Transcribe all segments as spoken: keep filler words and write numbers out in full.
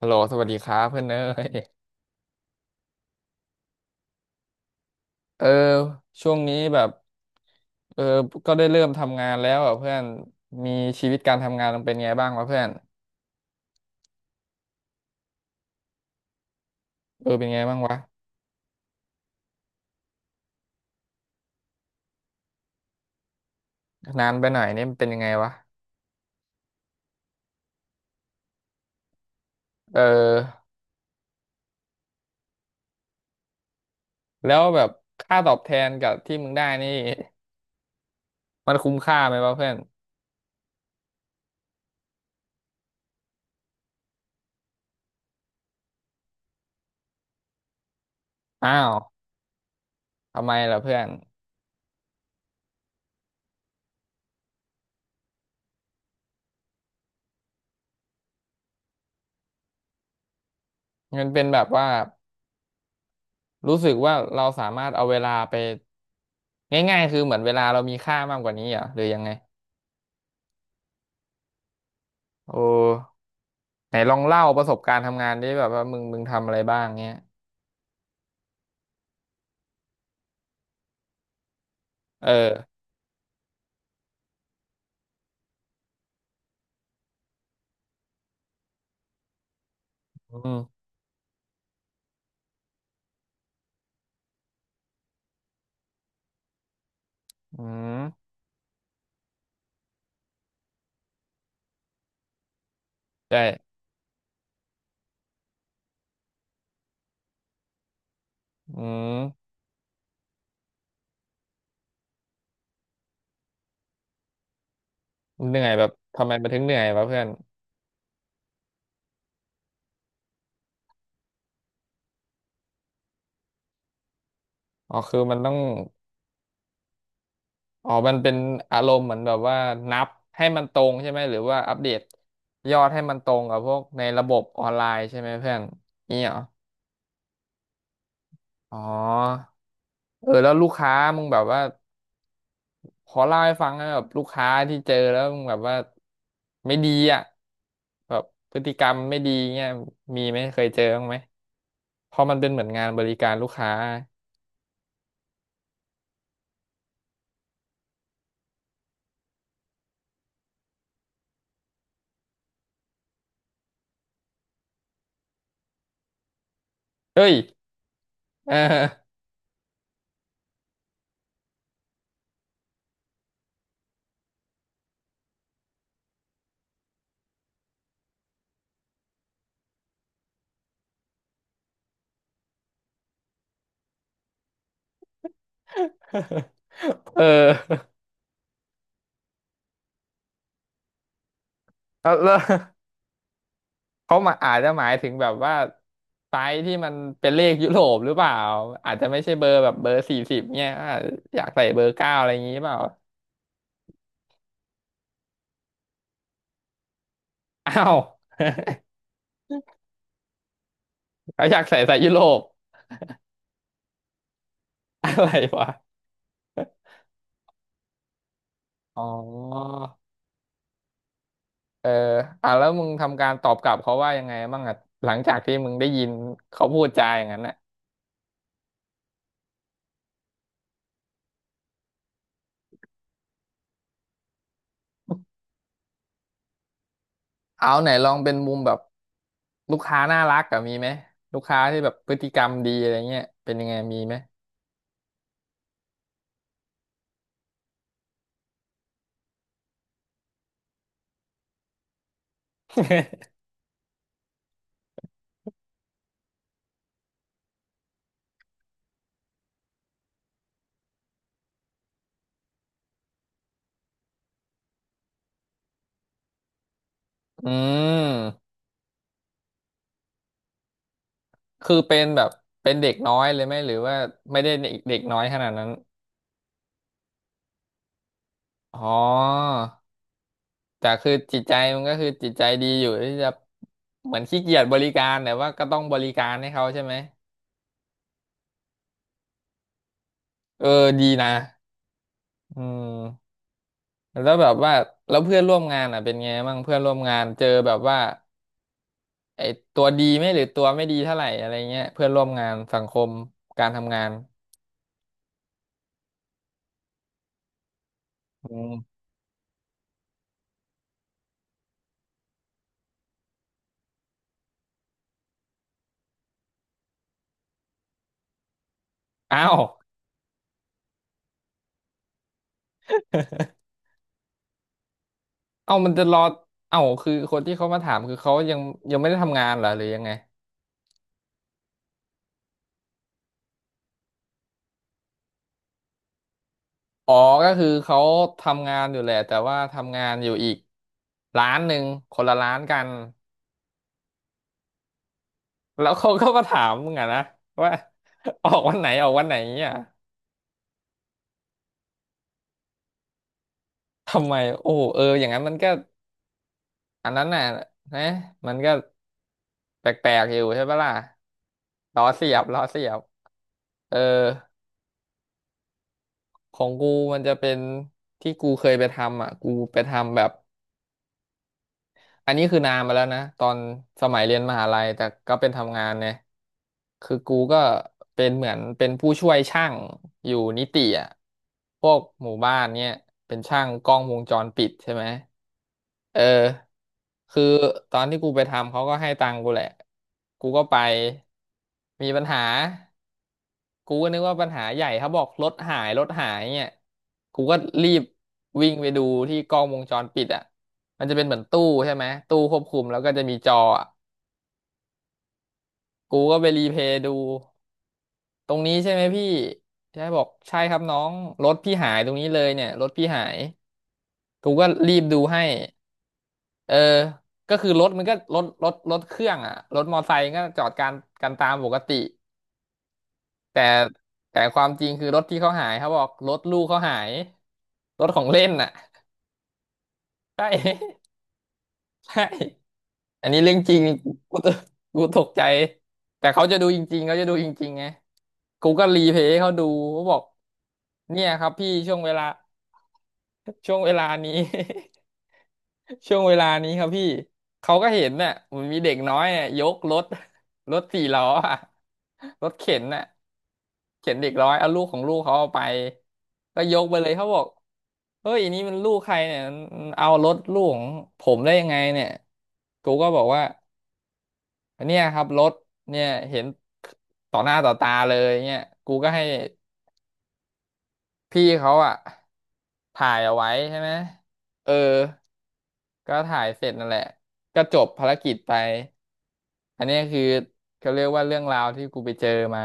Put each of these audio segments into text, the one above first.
ฮัลโหลสวัสดีครับเพื่อนเอ้ยเออช่วงนี้แบบเออก็ได้เริ่มทำงานแล้วอ่ะเพื่อนมีชีวิตการทำงานมันเป็นไงบ้างวะเพื่อนเออเป็นไงบ้างวะนานไปหน่อยนี่มันเป็นยังไงวะเออแล้วแบบค่าตอบแทนกับที่มึงได้นี่มันคุ้มค่าไหมวะเพื่อนอ้าวทำไมล่ะเพื่อนมันเป็นแบบว่ารู้สึกว่าเราสามารถเอาเวลาไปง่ายๆคือเหมือนเวลาเรามีค่ามากกว่านี้เหรอหรือยังไงโอ้ ไหนลองเล่าประสบการณ์ทำงานดิแบบว่ามึงมึงทำอะไรบ้างเงี้ยเอออืมอืมใช่อืมเหนื่อยแบบทำไมมันถึงเหนื่อยวะเพื่อนอ๋อคือมันต้องอ๋อมันเป็นอารมณ์เหมือนแบบว่านับให้มันตรงใช่ไหมหรือว่าอัปเดตยอดให้มันตรงกับพวกในระบบออนไลน์ใช่ไหมเพื่อนนี่เหรออ๋อเออแล้วลูกค้ามึงแบบว่า ขอเล่าให้ฟังนะแบบลูกค้าที่เจอแล้วมึงแบบว่าไม่ดีอ่ะแบบพฤติกรรมไม่ดีเงี้ยมีไหมเคยเจอบ้างไหมเพราะมันเป็นเหมือนงานบริการลูกค้าเอ้ย เออ เออแล้วแล้วเขามาอาจจะหมายถึงแบบว่าไซส์ที่มันเป็นเลขยุโรปหรือเปล่าอาจจะไม่ใช่เบอร์แบบเบอร์สี่สิบเนี่ยอาจอยากใส่เบอร์เก้าอะไรอย่างงี้เปล่าอ้าว เขาอยากใส่ไซส์ยุโรปอะไรวะอ๋อ เอออ่ะแล้วมึงทำการตอบกลับเขาว่ายังไงบ้างอ่ะหลังจากที่มึงได้ยินเขาพูดจาอย่างนั้นน่ะเอาไหนลองเป็นมุมแบบลูกค้าน่ารักกับมีไหมลูกค้าที่แบบพฤติกรรมดีอะไรเงี้ยเป็นยังไงมีไหม อืมคือเป็นแบบเป็นเด็กน้อยเลยไหมหรือว่าไม่ได้เด็กเด็กน้อยขนาดนั้นอ๋อแต่คือจิตใจมันก็คือจิตใจดีอยู่ที่จะเหมือนขี้เกียจบริการแต่ว่าก็ต้องบริการให้เขาใช่ไหมเออดีนะอืม แล้วแบบว่าแล้วเพื่อนร่วมงานอ่ะเป็นไงบ้างเพื่อนร่วมงานเจอแบบว่าไอ้ตัวดีไหมหรือตัวไม่ดีเท่าไหร่อะไรเงี้ยเพื่อนร่วมงานสังคมการทำงานอืมอ้าวเอ้ามันจะรอเอ้าคือคนที่เขามาถามคือเขายังยังไม่ได้ทำงานเหรอหรือยังไงอ๋อก็คือเขาทำงานอยู่แหละแต่ว่าทำงานอยู่อีกร้านหนึ่งคนละร้านกันแล้วเขาก็มาถามมึงอะนะว่า ออกวันไหนออกวันไหนเนี่ยทำไมโอ้เอออย่างนั้นมันก็ อันนั้นน่ะนะมันก็แปลกๆอยู่ใช่ปะล่ะล้อเสียบล้อเสียบเออของกูมันจะเป็นที่กูเคยไปทำอ่ะกูไปทำแบบ อันนี้คือนานมาแล้วนะตอนสมัยเรียนมหาลัยแต่ก็เป็นทำงานเนี่ยคือกูก็เป็นเหมือนเป็นผู้ช่วยช่างอยู่นิติอ่ะพวกหมู่บ้านเนี่ยเป็นช่างกล้องวงจรปิดใช่ไหมเออคือตอนที่กูไปทำเขาก็ให้ตังค์กูแหละกูก็ไปมีปัญหา กูก็นึกว่าปัญหาใหญ่เขาบอกรถหายรถหายเนี่ยกูก็รีบวิ่งไปดูที่กล้องวงจรปิดอ่ะมันจะเป็นเหมือนตู้ใช่ไหมตู้ควบคุมแล้วก็จะมีจออ่ะกูก็ไปรีเพลย์ดูตรงนี้ใช่ไหมพี่ใช่บอกใช่ครับน้องรถพี่หายตรงนี้เลยเนี่ยรถพี่หายกูก็รีบดูให้เออก็คือรถมันก็รถรถรถเครื่องอ่ะรถมอไซค์ก็จอดการกันตามปกติ แต่แต่ความจริงคือรถที่เขาหายเขาบอกรถลูกเขาหายรถของเล่นน่ะใช่ ใช่อันนี้เรื่องจริงกูตกูตกใจแต่เขาจะดูจริงๆเขาจะดูจริงๆไงกูก็รีเพลย์ให้เขาดูเขาบอกเนี่ยครับพี่ช่วงเวลา ช่วงเวลานี้ ช่วงเวลานี้ครับพี่เขาก็เห็นน่ะมันมีเด็กน้อยน่ะยกรถรถสี่ล้ออะรถเข็นน่ะเข็นเด็กร้อยเอาลูกของลูกเขาเอาไปก็ยกไปเลยเขาบอกเฮ้ยอันนี้มันลูกใครเนี่ยมันเอารถลูกของผมได้ยังไงเนี่ยกูก็บอกว่าเนี่ยครับรถเนี่ยเห็นต่อหน้าต่อตาเลยเนี่ยกูก็ให้ พี่เขาอะถ่ายเอาไว้ใช่ไหมเออก็ถ่ายเสร็จนั่นแหละก็จบภารกิจไปอันเนี้ยคือเขาเรียกว่าเรื่องราวที่กูไปเจอมา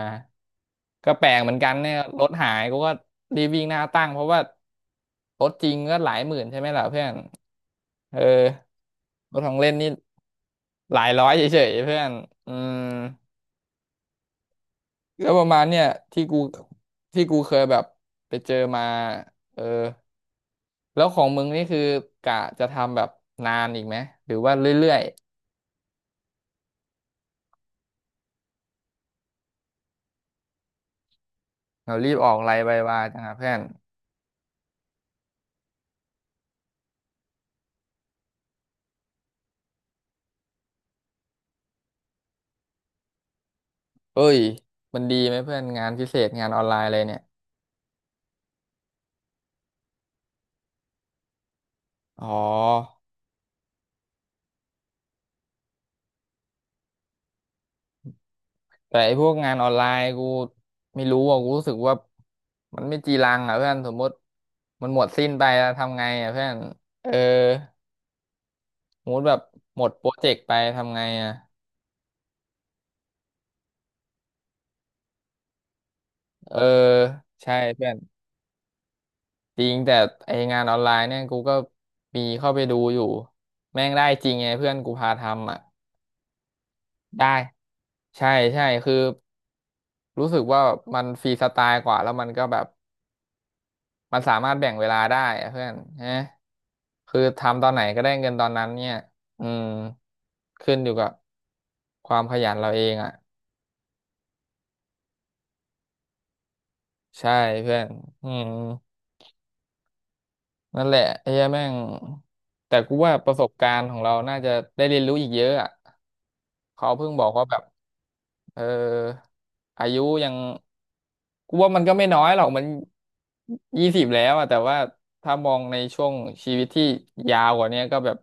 ก็แปลกเหมือนกันเนี่ยรถหายกูก็รีบวิ่งหน้าตั้งเพราะว่ารถจริงก็หลายหมื่นใช่ไหมล่ะเพื่อนเออรถของเล่นนี่หลายร้อยเฉยๆเพื่อนอืม แล้วประมาณเนี่ยที่กูที่กูเคยแบบไปเจอมาเออแล้วของมึงนี่คือกะจะทำแบบนานอีกไหมหรือว่าเรื่อยๆเรารีบออกไลน์ไปว่าจังหะเพื่อนเอ้ยมันดีไหมเพื่อนงานพิเศษงานออนไลน์อะไรเนี่ยอ๋อแต่ไอ้พวกงานออนไลน์กูไม่รู้อ่ะกูรู้สึกว่ามันไม่จีรังอ่ะเพื่อนสมมติมันหมดสิ้นไปแล้วทำไงอ่ะเพื่อนเออสมมติแบบหมดโปรเจกต์ไปทำไงอ่ะ เออใช่เพื่อนจริงแต่ไองานออนไลน์เนี่ยกูก็มีเข้าไปดูอยู่แม่งได้จริงไงเพื่อนกูพาทำอ่ะได้ใช่ใช่คือรู้สึกว่ามันฟรีสไตล์กว่าแล้วมันก็แบบมันสามารถแบ่งเวลาได้อะเพื่อนฮะคือทำตอนไหนก็ได้เงินตอนนั้นเนี่ยอืมขึ้นอยู่กับความขยันเราเองอ่ะใช่เพื่อนอืม นั่นแหละไอ้เหี้ยแม่งแต่กูว่าประสบการณ์ของเราน่าจะได้เรียนรู้อีกเยอะอ่ะเขาเพิ่งบอกว่าแบบเอออายุยังกูว่ามันก็ไม่น้อยหรอกมันยี่สิบแล้วอ่ะแต่ว่าถ้ามองในช่วงชีวิตที่ยาวกว่าเนี้ยก็แบบ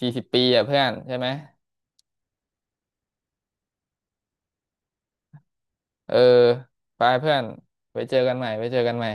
สี่สิบปีอ่ะเพื่อนใช่ไหมเออไปเพื่อนไปเจอกันใหม่ไปเจอกันใหม่